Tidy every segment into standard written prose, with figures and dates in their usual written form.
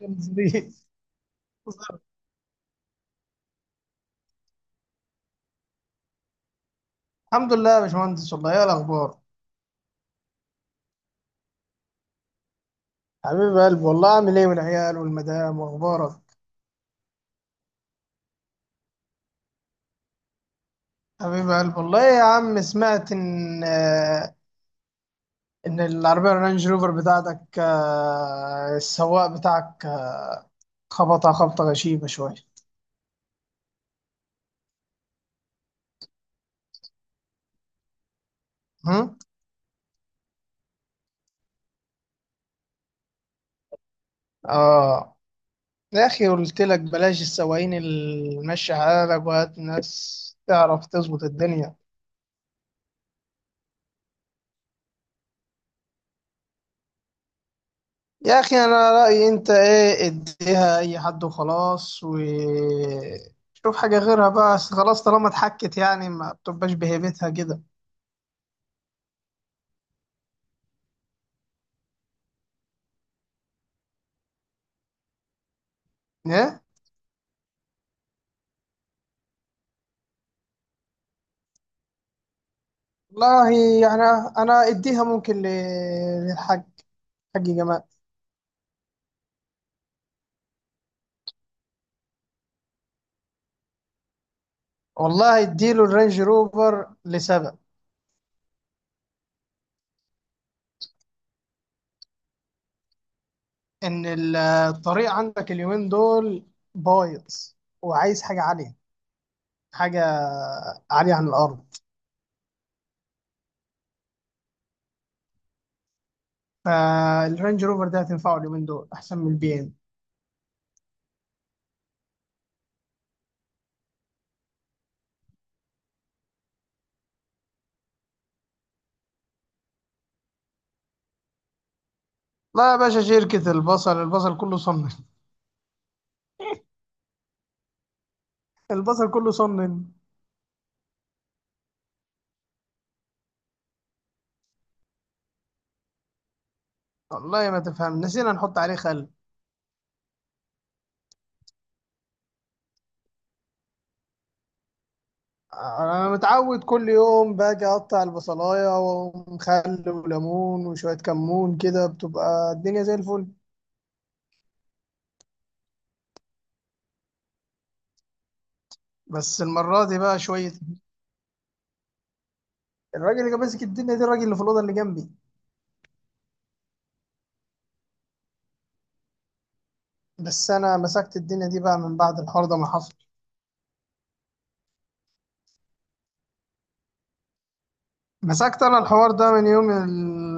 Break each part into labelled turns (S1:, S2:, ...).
S1: غمزليز. الحمد لله يا باشمهندس، والله ايه الاخبار؟ حبيب قلب والله، عامل ايه والعيال والمدام واخبارك؟ حبيب قلب والله يا عم. سمعت ان العربيه الرانج روفر بتاعتك، السواق بتاعك خبطها خبطه غشيمه شويه. هم؟ اه. يا اخي قلت لك بلاش السواقين اللي ماشيه حالك، وهات ناس تعرف تظبط الدنيا. يا اخي انا رايي انت ايه، اديها اي حد وخلاص وشوف حاجه غيرها بقى. أصل خلاص طالما اتحكت يعني ما بتبقاش بهيبتها كده. ايه والله. يعني انا اديها ممكن ل- للحاج حاج جمال. والله اديله الرينج روفر لسبب ان الطريق عندك اليومين دول بايظ، وعايز حاجه عاليه، حاجه عاليه عن الارض. فالرينج روفر ده هتنفعه اليومين دول احسن من البي ام. لا يا باشا، شركة البصل البصل كله صنن. البصل كله صنن. والله ما تفهم، نسينا نحط عليه خل. انا متعود كل يوم باجي اقطع البصلايه ومخل وليمون وشويه كمون كده بتبقى الدنيا زي الفل. بس المره دي بقى شويه. الراجل اللي كان ماسك الدنيا دي، الراجل اللي في الاوضه اللي جنبي. بس انا مسكت الدنيا دي بقى من بعد الحوار ده ما حصل. مسكت انا الحوار ده من يوم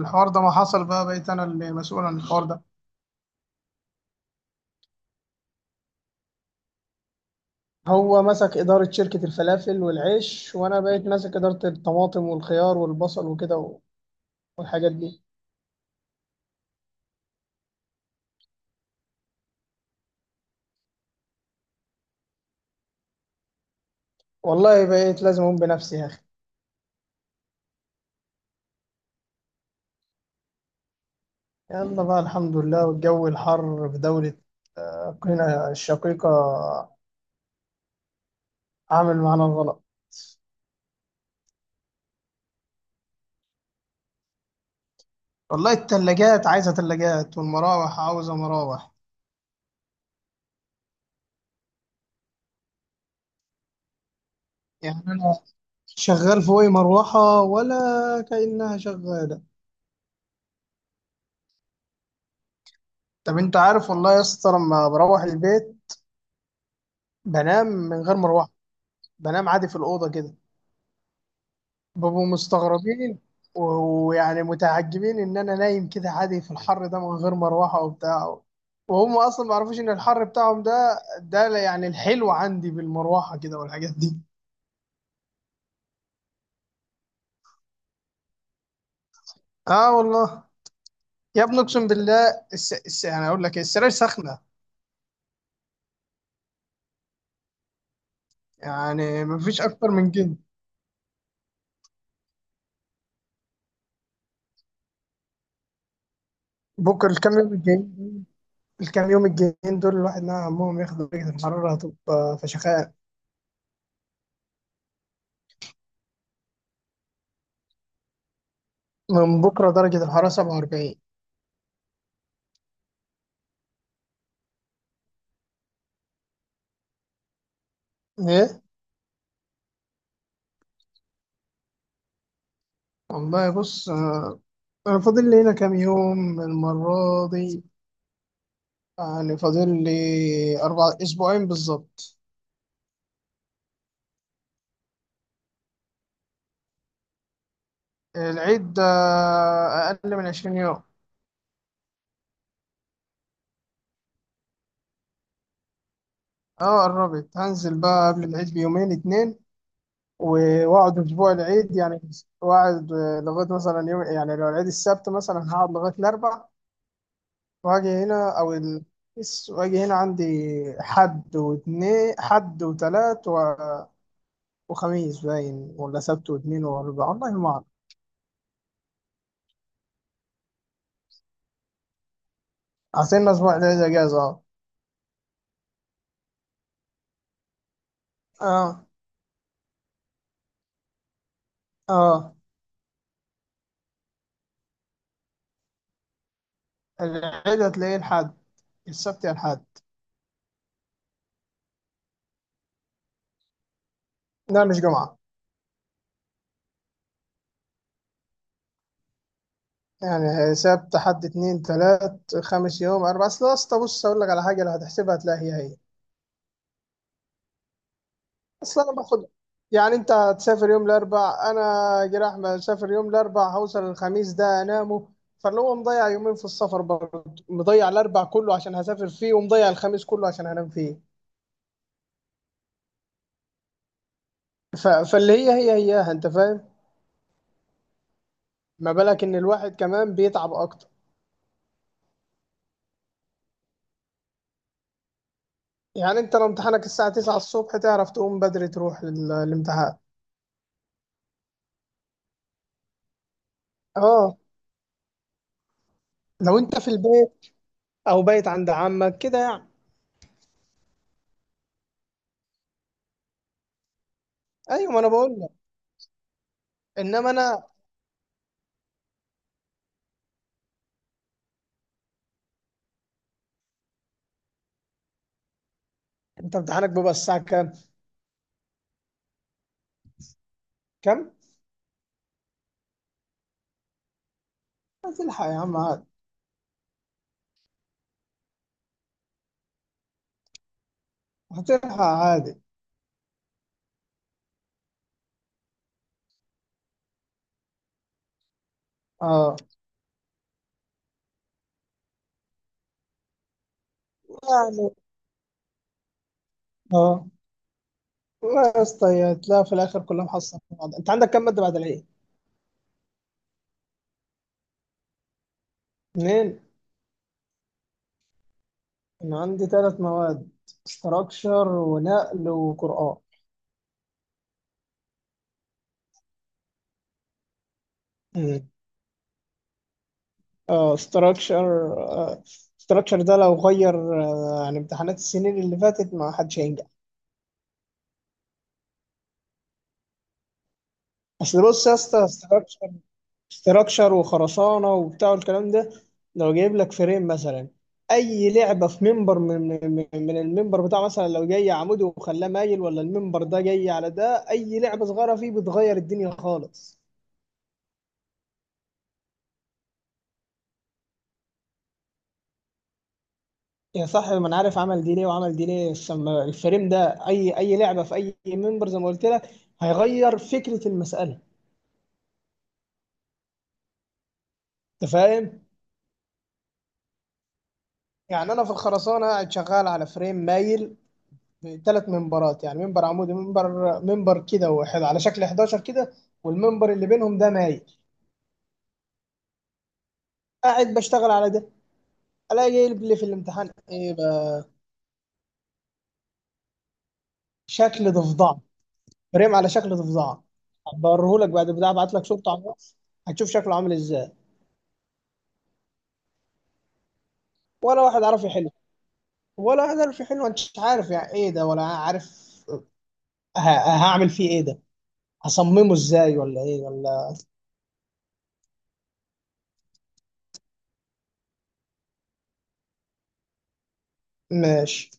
S1: الحوار ده ما حصل، بقى بقيت انا اللي مسؤول عن الحوار ده. هو مسك إدارة شركة الفلافل والعيش، وأنا بقيت ماسك إدارة الطماطم والخيار والبصل وكده والحاجات دي. والله بقيت لازم أقوم بنفسي يا أخي. يلا بقى الحمد لله. والجو الحر في دولة أوكرانيا الشقيقة عامل معانا الغلط. والله التلاجات عايزة تلاجات، والمراوح عاوزة مراوح. يعني أنا شغال فوقي مروحة ولا كأنها شغالة. طب أنت عارف والله يا اسطى، لما بروح البيت بنام من غير مروحة، بنام عادي في الأوضة كده. بابو مستغربين ويعني متعجبين ان انا نايم كده عادي في الحر ده من غير مروحه وبتاع. وهم اصلا ما يعرفوش ان الحر بتاعهم ده، ده يعني الحلو عندي بالمروحه كده والحاجات دي. اه والله. يا ابني اقسم بالله يعني اقول لك إيه، السراير سخنه. يعني ما فيش اكتر من كده. بكره الكام يوم الجايين دول الواحد نعم عمهم ياخدوا درجه الحراره هتبقى فشخاء. من بكره درجه الحراره 47. ايه والله. بص أنا فاضل لي هنا كام يوم المرة دي. يعني فاضل لي أربع أسبوعين بالظبط. العيد ده أقل من عشرين يوم. أه قربت. هنزل بقى قبل العيد بيومين اتنين وأقعد أسبوع العيد يعني. وأقعد لغاية مثلا يوم، يعني لو العيد السبت مثلا هقعد لغاية الأربع. وأجي هنا وأجي هنا عندي حد واتنين حد وتلات وخميس باين ولا سبت واتنين وأربع، والله ما أعرف. عاطلنا أسبوع العيد إجازة. أه. أه. أه. العيد هتلاقيه الحد السبت يا الحد. لا مش جمعة. يعني سبت حد اتنين تلات خمس يوم أربعة. أصل بص أقول لك على حاجة، لو هتحسبها هتلاقي هي هي. أصل أنا باخد. يعني أنت هتسافر يوم الأربع، أنا جراح مسافر يوم الأربع هوصل الخميس ده أنامه. فاللي هو مضيع يومين في السفر برضه، مضيع الأربع كله عشان هسافر فيه، ومضيع الخميس كله عشان هنام فيه. فاللي هي هي هياها، أنت فاهم. ما بالك إن الواحد كمان بيتعب أكتر. يعني انت لو امتحانك الساعة 9 الصبح، تعرف تقوم بدري تروح الامتحان. اه لو انت في البيت او بايت عند عمك كده يعني. ايوه، ما انا بقول لك. انما انا، انت امتحانك بيبقى الساعة كام؟ هتلحق يا عم عادي. هتلحق عادي. اه. يعني اه. لا يا اسطى، تلاقي في الاخر كلها محصلة في بعض. انت عندك كام مادة بعد العيد؟ اتنين. انا عندي ثلاث مواد: استراكشر ونقل وقرآن. اه. ستراكشر. ستراكشر ده لو غير عن امتحانات السنين اللي فاتت ما حدش هينجح. اصل بص يا اسطى، ستراكشر وخرسانه وبتاع الكلام ده، لو جايب لك فريم مثلا اي لعبه في منبر من المنبر بتاع، مثلا لو جاي عمودي وخلاه مايل ولا المنبر ده جاي على ده، اي لعبه صغيره فيه بتغير الدنيا خالص. يا صاحبي ما انا عارف عمل دي ليه وعمل دي ليه. الفريم ده اي لعبه في اي منبر زي ما قلت لك هيغير فكره المساله. انت فاهم. يعني انا في الخرسانه قاعد شغال على فريم مايل ثلاث منبرات، يعني منبر عمودي منبر كده واحد على شكل 11 كده، والمنبر اللي بينهم ده مايل. قاعد بشتغل على ده، الاقي يقلب لي في الامتحان ايه بقى؟ شكل ضفدعه. فريم على شكل ضفدعه. هبوريهولك بعد البتاع، ابعت لك صورته على الواتس هتشوف شكله عامل ازاي. ولا واحد عارف يحله. ولا واحد عارف يحله، انت مش عارف يعني ايه ده ولا عارف ه- هعمل فيه ايه ده، هصممه ازاي ولا ايه ولا. ماشي.